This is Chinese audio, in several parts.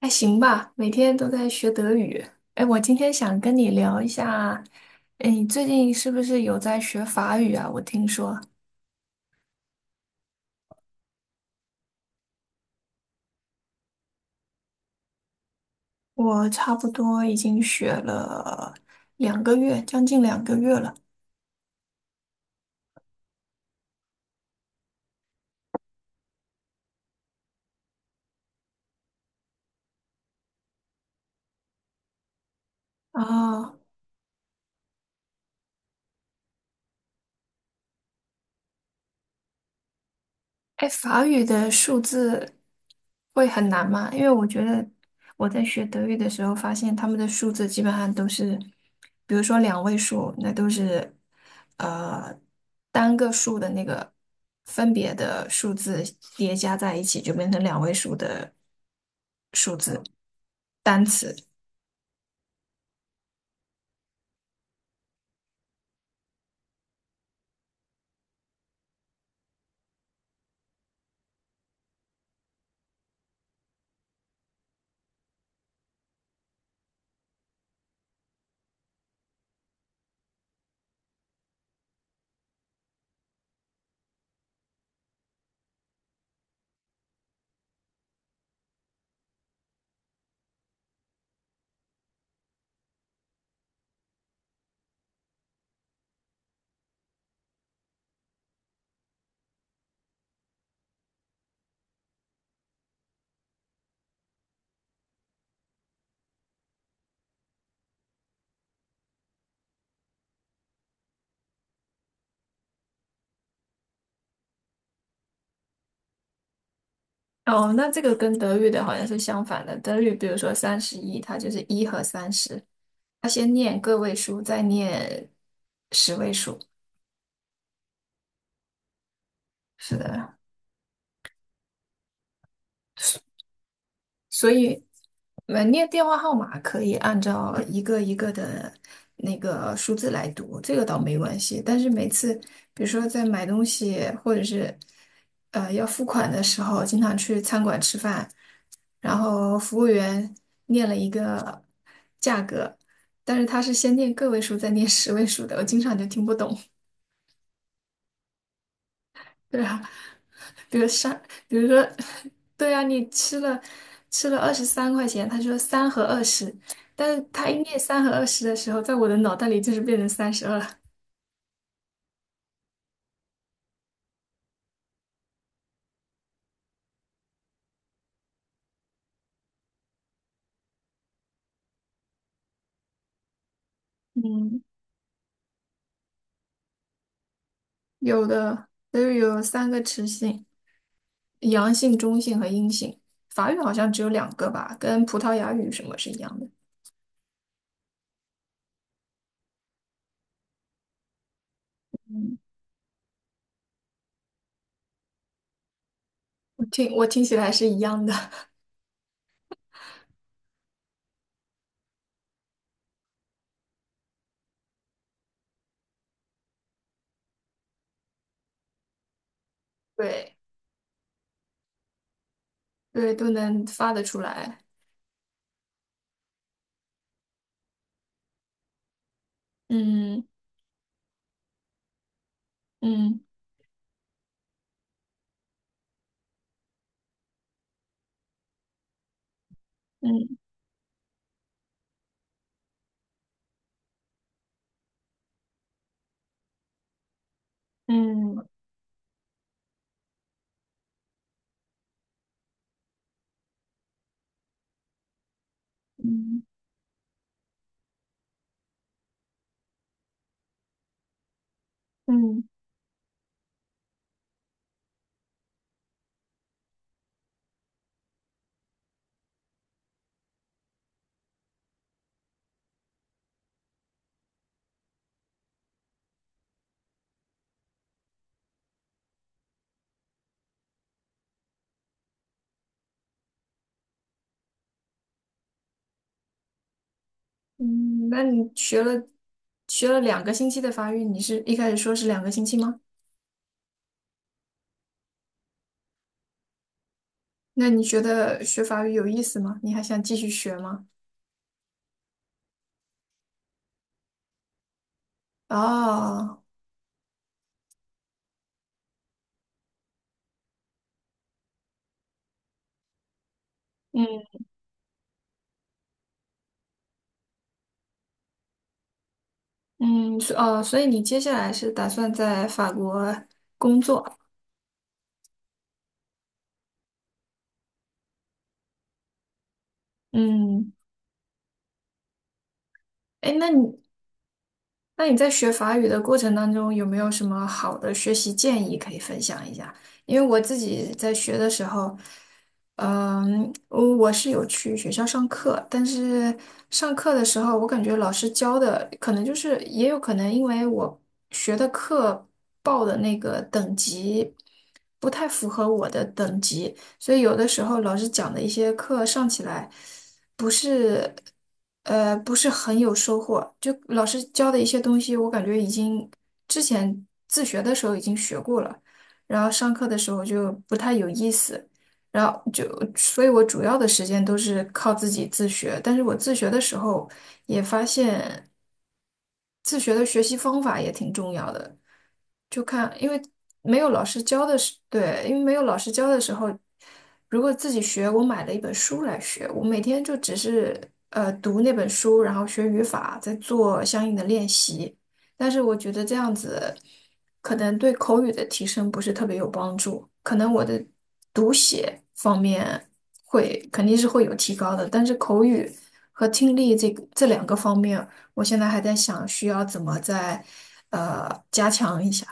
还行吧，每天都在学德语。哎，我今天想跟你聊一下，哎，你最近是不是有在学法语啊？我听说我差不多已经学了两个月，将近2个月了。啊。哎，法语的数字会很难吗？因为我觉得我在学德语的时候，发现他们的数字基本上都是，比如说两位数，那都是呃单个数的那个分别的数字叠加在一起，就变成两位数的数字单词。哦，那这个跟德语的好像是相反的。德语比如说31，它就是一和三十，它先念个位数，再念十位数。是的，所以门店电话号码可以按照一个一个的那个数字来读，这个倒没关系。但是每次，比如说在买东西或者是要付款的时候，经常去餐馆吃饭，然后服务员念了一个价格，但是他是先念个位数再念十位数的，我经常就听不懂。对啊，比如上，比如说，对啊，你吃了23块钱，他说三和二十，但是他一念三和二十的时候，在我的脑袋里就是变成32了。嗯，有的，都有3个词性，阳性、中性和阴性。法语好像只有两个吧，跟葡萄牙语什么是一样的。我听起来是一样的，对对，都能发得出来。嗯嗯嗯嗯嗯。嗯嗯嗯，那你学了两个星期的法语，你是一开始说是两个星期吗？那你觉得学法语有意思吗？你还想继续学吗？哦，嗯嗯，所以你接下来是打算在法国，嗯，哎，那你在学法语的过程当中，有没有什么好的学习建议可以分享一下？因为我自己在学的时候，嗯，我是有去学校上课，但是上课的时候，我感觉老师教的可能就是，也有可能因为我学的课报的那个等级不太符合我的等级，所以有的时候老师讲的一些课上起来。不是，不是很有收获。就老师教的一些东西，我感觉已经之前自学的时候已经学过了，然后上课的时候就不太有意思，然后就，所以我主要的时间都是靠自己自学。但是我自学的时候也发现，自学的学习方法也挺重要的。就看，因为没有老师教的时，对，因为没有老师教的时候，如果自己学，我买了一本书来学，我每天就只是读那本书，然后学语法，再做相应的练习。但是我觉得这样子可能对口语的提升不是特别有帮助，可能我的读写方面会肯定是会有提高的，但是口语和听力这个这两个方面，我现在还在想需要怎么再加强一下。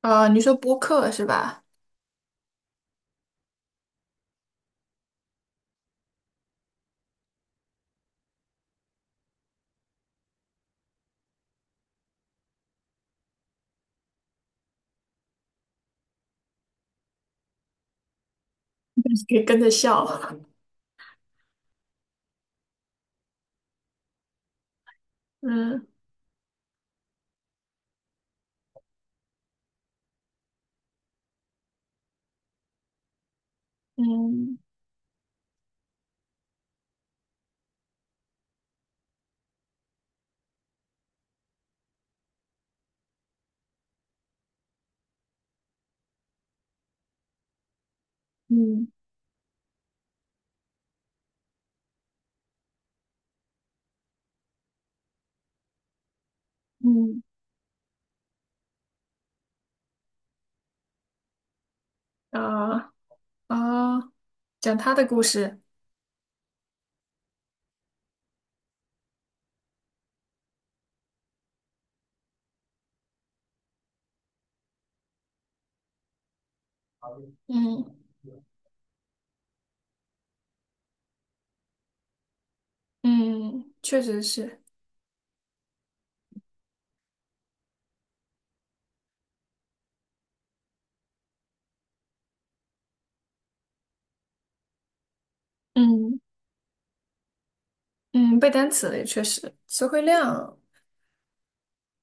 啊，你说播客是吧？你可以跟着笑。嗯嗯嗯嗯，啊啊，讲他的故事。嗯嗯，确实是。嗯嗯，背单词也确实，词汇量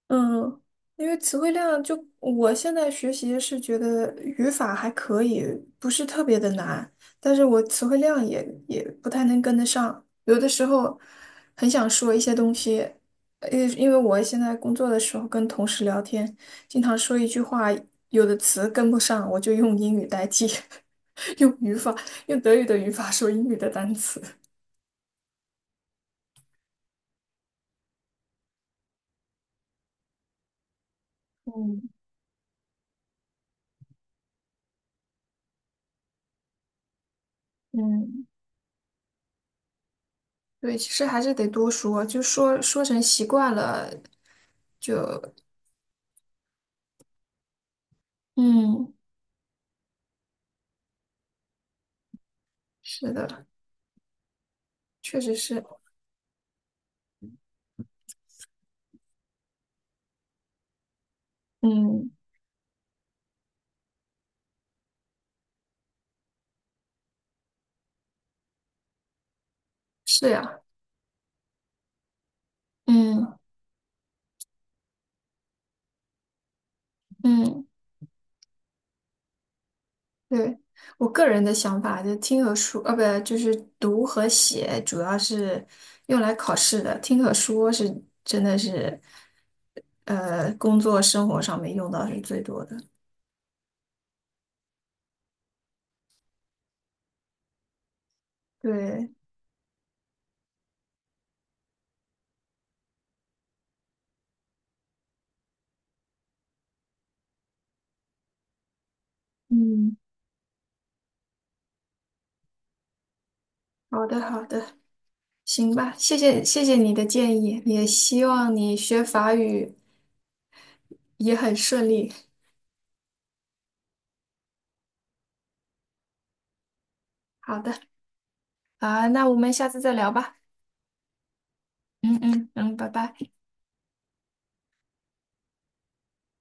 嗯，因为词汇量就我现在学习是觉得语法还可以，不是特别的难，但是我词汇量也不太能跟得上，有的时候很想说一些东西，因为我现在工作的时候跟同事聊天，经常说一句话，有的词跟不上，我就用英语代替，用语法，用德语的语法说英语的单词。嗯嗯，对，其实还是得多说，就说说成习惯了。就。嗯是的，确实是，嗯是呀，嗯嗯对，我个人的想法，就听和说，呃，不，就是读和写，主要是用来考试的，听和说是真的是，呃，工作生活上面用到是最多的。对，嗯，好的，好的，行吧，谢谢，谢谢你的建议，也希望你学法语也很顺利。好的，啊，那我们下次再聊吧。嗯嗯嗯，拜拜。